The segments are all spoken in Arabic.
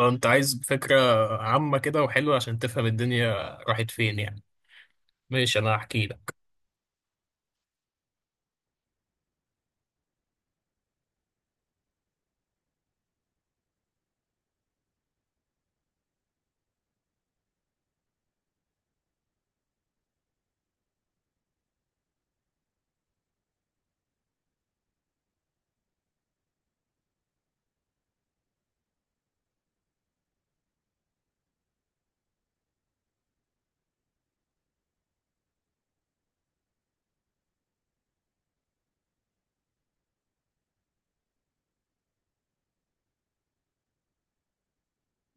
اه، انت عايز فكرة عامة كده وحلوة عشان تفهم الدنيا راحت فين، يعني. ماشي، انا هحكي لك.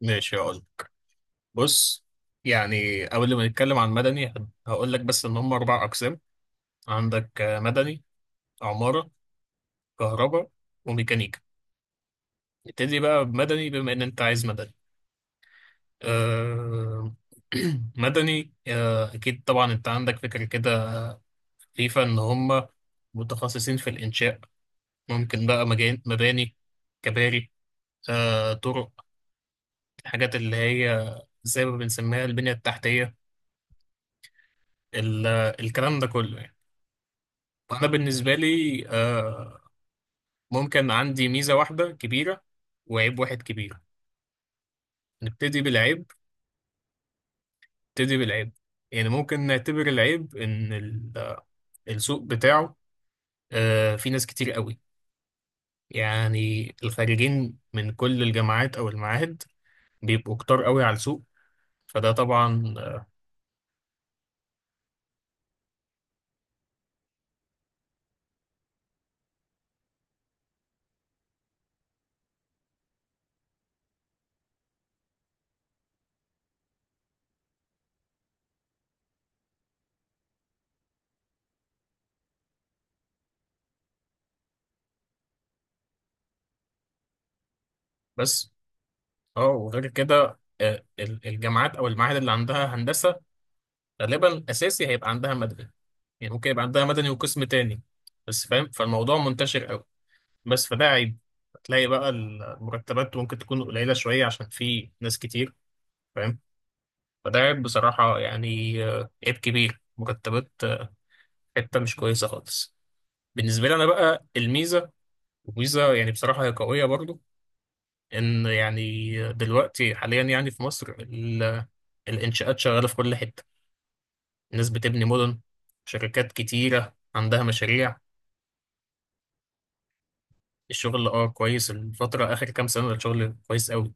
ماشي، هقول. بص، يعني قبل ما نتكلم عن مدني هقول لك بس ان هم 4 اقسام. عندك مدني، عمارة، كهرباء وميكانيكا. نبتدي بقى بمدني بما ان انت عايز مدني. أه... مدني، اكيد طبعا انت عندك فكرة كده خفيفة ان هم متخصصين في الانشاء. ممكن بقى مباني، كباري، طرق، الحاجات اللي هي زي ما بنسميها البنية التحتية. ال- الكلام ده كله، يعني. وأنا بالنسبة لي ممكن عندي ميزة واحدة كبيرة وعيب واحد كبير. نبتدي بالعيب نبتدي بالعيب. يعني ممكن نعتبر العيب إن السوق بتاعه، في ناس كتير قوي. يعني الخارجين من كل الجامعات أو المعاهد بيبقوا كتار قوي على السوق، فده طبعا. بس اه وغير كده الجامعات أو المعاهد اللي عندها هندسة غالبا اساسي هيبقى عندها مدني. يعني ممكن يبقى عندها مدني وقسم تاني، بس فاهم، فالموضوع منتشر قوي. بس فده عيب. هتلاقي بقى المرتبات ممكن تكون قليلة شوية عشان في ناس كتير، فاهم، فده عيب بصراحة، يعني عيب كبير مرتبات، حتة مش كويسة خالص. بالنسبة لي أنا بقى الميزة، وميزة يعني بصراحة هي قوية برضو. إن يعني دلوقتي حاليا يعني في مصر الإنشاءات شغالة في كل حتة. الناس بتبني مدن، شركات كتيرة عندها مشاريع. الشغل كويس. الفترة آخر كام سنة الشغل كويس أوي،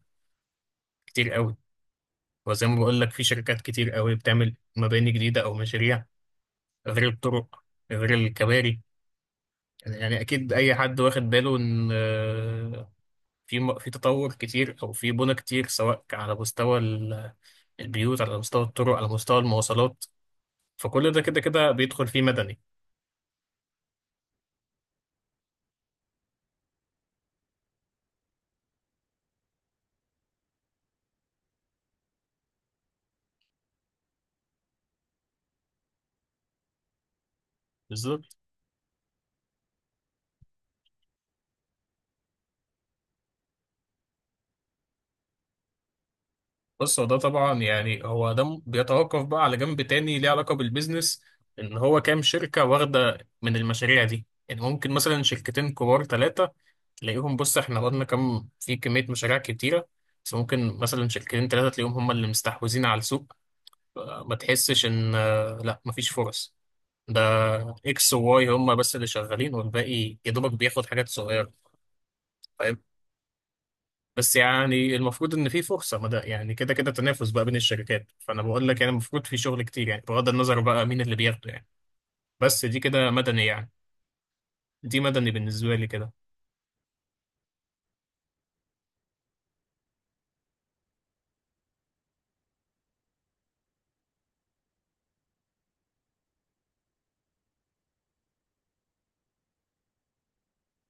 كتير أوي. وزي ما بقول لك في شركات كتير أوي بتعمل مباني جديدة أو مشاريع، غير الطرق، غير الكباري. يعني أكيد أي حد واخد باله إن في في تطور كتير أو في بنى كتير، سواء على مستوى البيوت، على مستوى الطرق، على مستوى المواصلات. فكل ده كده كده بيدخل فيه مدني. بالظبط. بص، هو ده طبعا يعني هو ده بيتوقف بقى على جنب تاني ليه علاقة بالبيزنس. ان هو كام شركة واخدة من المشاريع دي، يعني ممكن مثلا شركتين كبار ثلاثة، تلاقيهم. بص احنا واخدنا كام في كمية مشاريع كتيرة. بس ممكن مثلا شركتين ثلاثة تلاقيهم هم اللي مستحوذين على السوق. ما تحسش ان لا مفيش فرص. ده اكس وواي هم بس اللي شغالين، والباقي يا دوبك بياخد حاجات صغيرة. بس يعني المفروض ان في فرصه ما، ده يعني كده كده تنافس بقى بين الشركات. فانا بقول لك يعني المفروض في شغل كتير، يعني بغض النظر بقى مين اللي بياخده، يعني. بس دي كده مدني، يعني. دي مدني بالنسبه لي كده.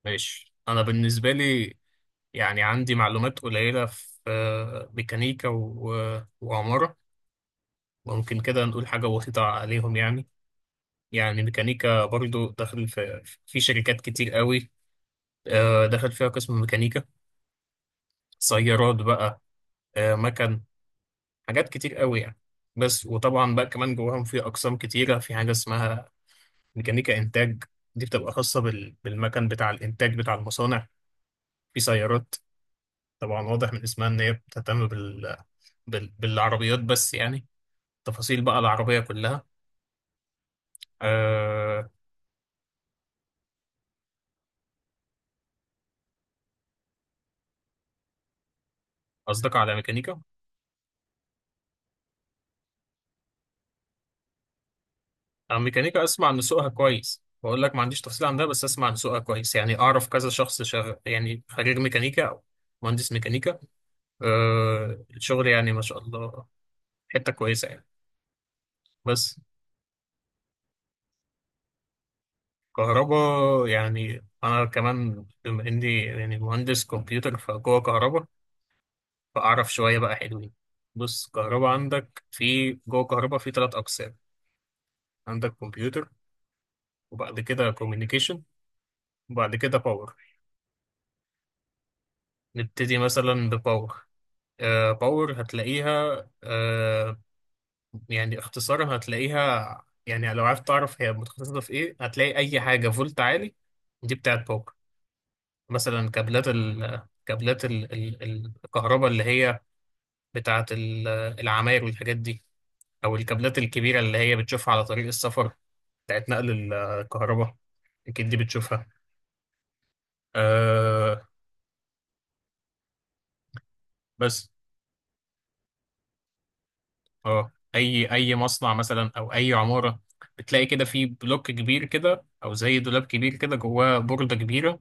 ماشي، انا بالنسبه لي يعني عندي معلومات قليله في ميكانيكا وعماره. ممكن كده نقول حاجه بسيطه عليهم، يعني. يعني ميكانيكا برضو داخل في شركات كتير قوي. دخل فيها قسم ميكانيكا. سيارات بقى، مكن، حاجات كتير قوي، يعني. بس وطبعا بقى كمان جواهم في اقسام كتيره. في حاجه اسمها ميكانيكا انتاج. دي بتبقى خاصه بالمكن بتاع الانتاج بتاع المصانع. في سيارات، طبعا واضح من اسمها ان هي بتهتم بالعربيات بس، يعني تفاصيل بقى العربيه كلها آه، قصدك على ميكانيكا. انا ميكانيكا اسمع ان سوقها كويس. بقول لك ما عنديش تفصيل عن ده، بس اسمع ان سوقها كويس. يعني اعرف كذا شخص يعني خريج ميكانيكا او مهندس ميكانيكا. الشغل يعني ما شاء الله، حته كويسه يعني. بس كهرباء يعني أنا كمان بما إني يعني مهندس كمبيوتر فجوه كهرباء، فأعرف شوية بقى حلوين. بص، كهرباء عندك في جوه كهرباء في 3 أقسام. عندك كمبيوتر، وبعد كده كوميونيكيشن، وبعد كده باور. نبتدي مثلا بباور. باور هتلاقيها. يعني اختصارا هتلاقيها، يعني لو عرفت تعرف هي متخصصة في إيه، هتلاقي أي حاجة فولت عالي دي بتاعت باور. مثلا كابلات ال الكهرباء اللي هي بتاعة العماير والحاجات دي، أو الكابلات الكبيرة اللي هي بتشوفها على طريق السفر بتاعت نقل الكهرباء، أكيد دي بتشوفها آه بس اه أي مصنع مثلا أو أي عمارة بتلاقي كده في بلوك كبير كده أو زي دولاب كبير كده جواه بوردة كبيرة،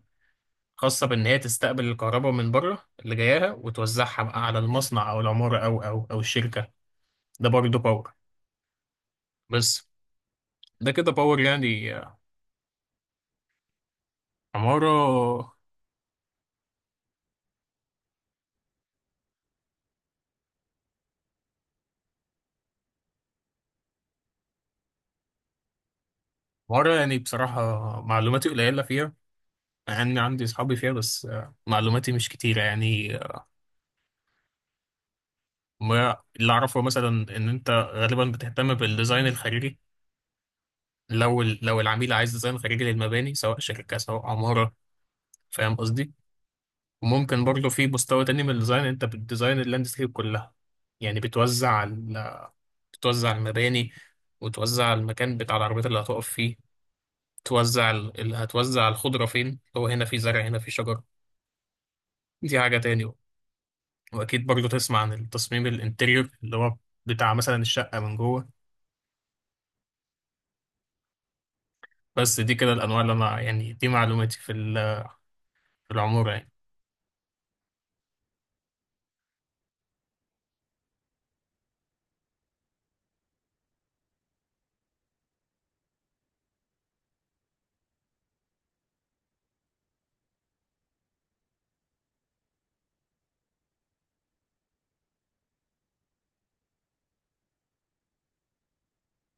خاصة بإن هي تستقبل الكهرباء من بره اللي جاياها وتوزعها بقى على المصنع أو العمارة أو الشركة. ده برضه باور. بس ده كده باور، يعني. عمارة عمارة. يعني بصراحة معلوماتي قليلة فيها. يعني عندي أصحابي فيها، بس معلوماتي مش كتيرة يعني. ما اللي أعرفه مثلا إن أنت غالبا بتهتم بالديزاين الخارجي. لو العميل عايز ديزاين خارجي للمباني سواء شركة سواء عمارة، فاهم قصدي. وممكن برضه في مستوى تاني من الديزاين أنت بتديزاين اللاندسكيب كلها. يعني بتوزع المباني، وتوزع المكان بتاع العربيات اللي هتقف فيه. هتوزع الخضرة فين، اللي هو هنا في زرع هنا في شجر، دي حاجة تاني بقى. وأكيد برضو تسمع عن التصميم الانتريور اللي هو بتاع مثلا الشقة من جوه. بس دي كده الأنواع اللي أنا يعني دي معلوماتي في العمارة، يعني.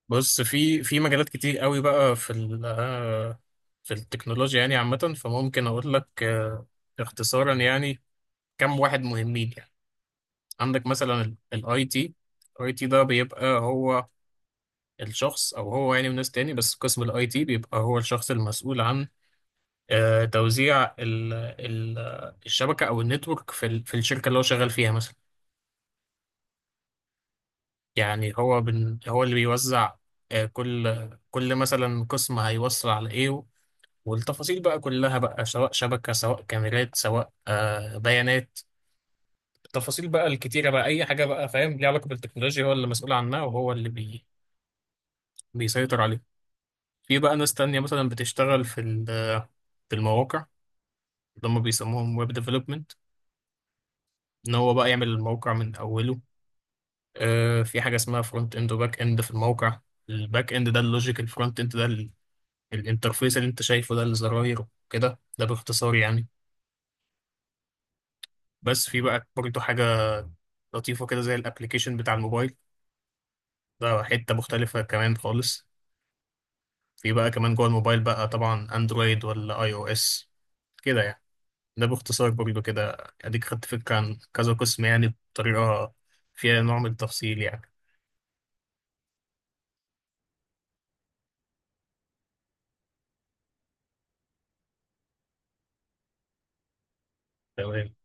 بص في مجالات كتير قوي بقى في ال... آه، في التكنولوجيا يعني عامة، فممكن أقول لك اختصارا يعني. كم واحد مهمين يعني. عندك مثلا الاي تي. الاي تي ده بيبقى هو الشخص او هو يعني وناس تاني، بس قسم الاي تي بيبقى هو الشخص المسؤول عن توزيع ال الشبكه او النتورك في الشركه اللي هو شغال فيها مثلا. يعني هو هو اللي بيوزع، كل مثلا قسم هيوصل على ايه، والتفاصيل بقى كلها بقى، سواء شبكه سواء كاميرات سواء بيانات. التفاصيل بقى الكتيره بقى اي حاجه بقى فاهم ليها علاقه بالتكنولوجيا هو اللي مسؤول عنها، وهو اللي بيسيطر عليها. في بقى ناس تانية مثلا بتشتغل في المواقع، اللي هم بيسموهم ويب ديفلوبمنت. ان هو بقى يعمل الموقع من اوله. في حاجه اسمها فرونت اند وباك اند في الموقع. الباك اند ده اللوجيك، الفرونت اند ده الانترفيس اللي انت شايفه، ده الزراير كده. ده باختصار، يعني. بس في بقى برضه حاجه لطيفه كده زي الابلكيشن بتاع الموبايل، ده حته مختلفه كمان خالص. في بقى كمان جوه الموبايل بقى طبعا اندرويد ولا اي او اس كده يعني. ده باختصار برضه كده اديك خدت فكره عن كذا قسم، يعني بطريقه فيها نوع من التفصيل، يعني. تمام.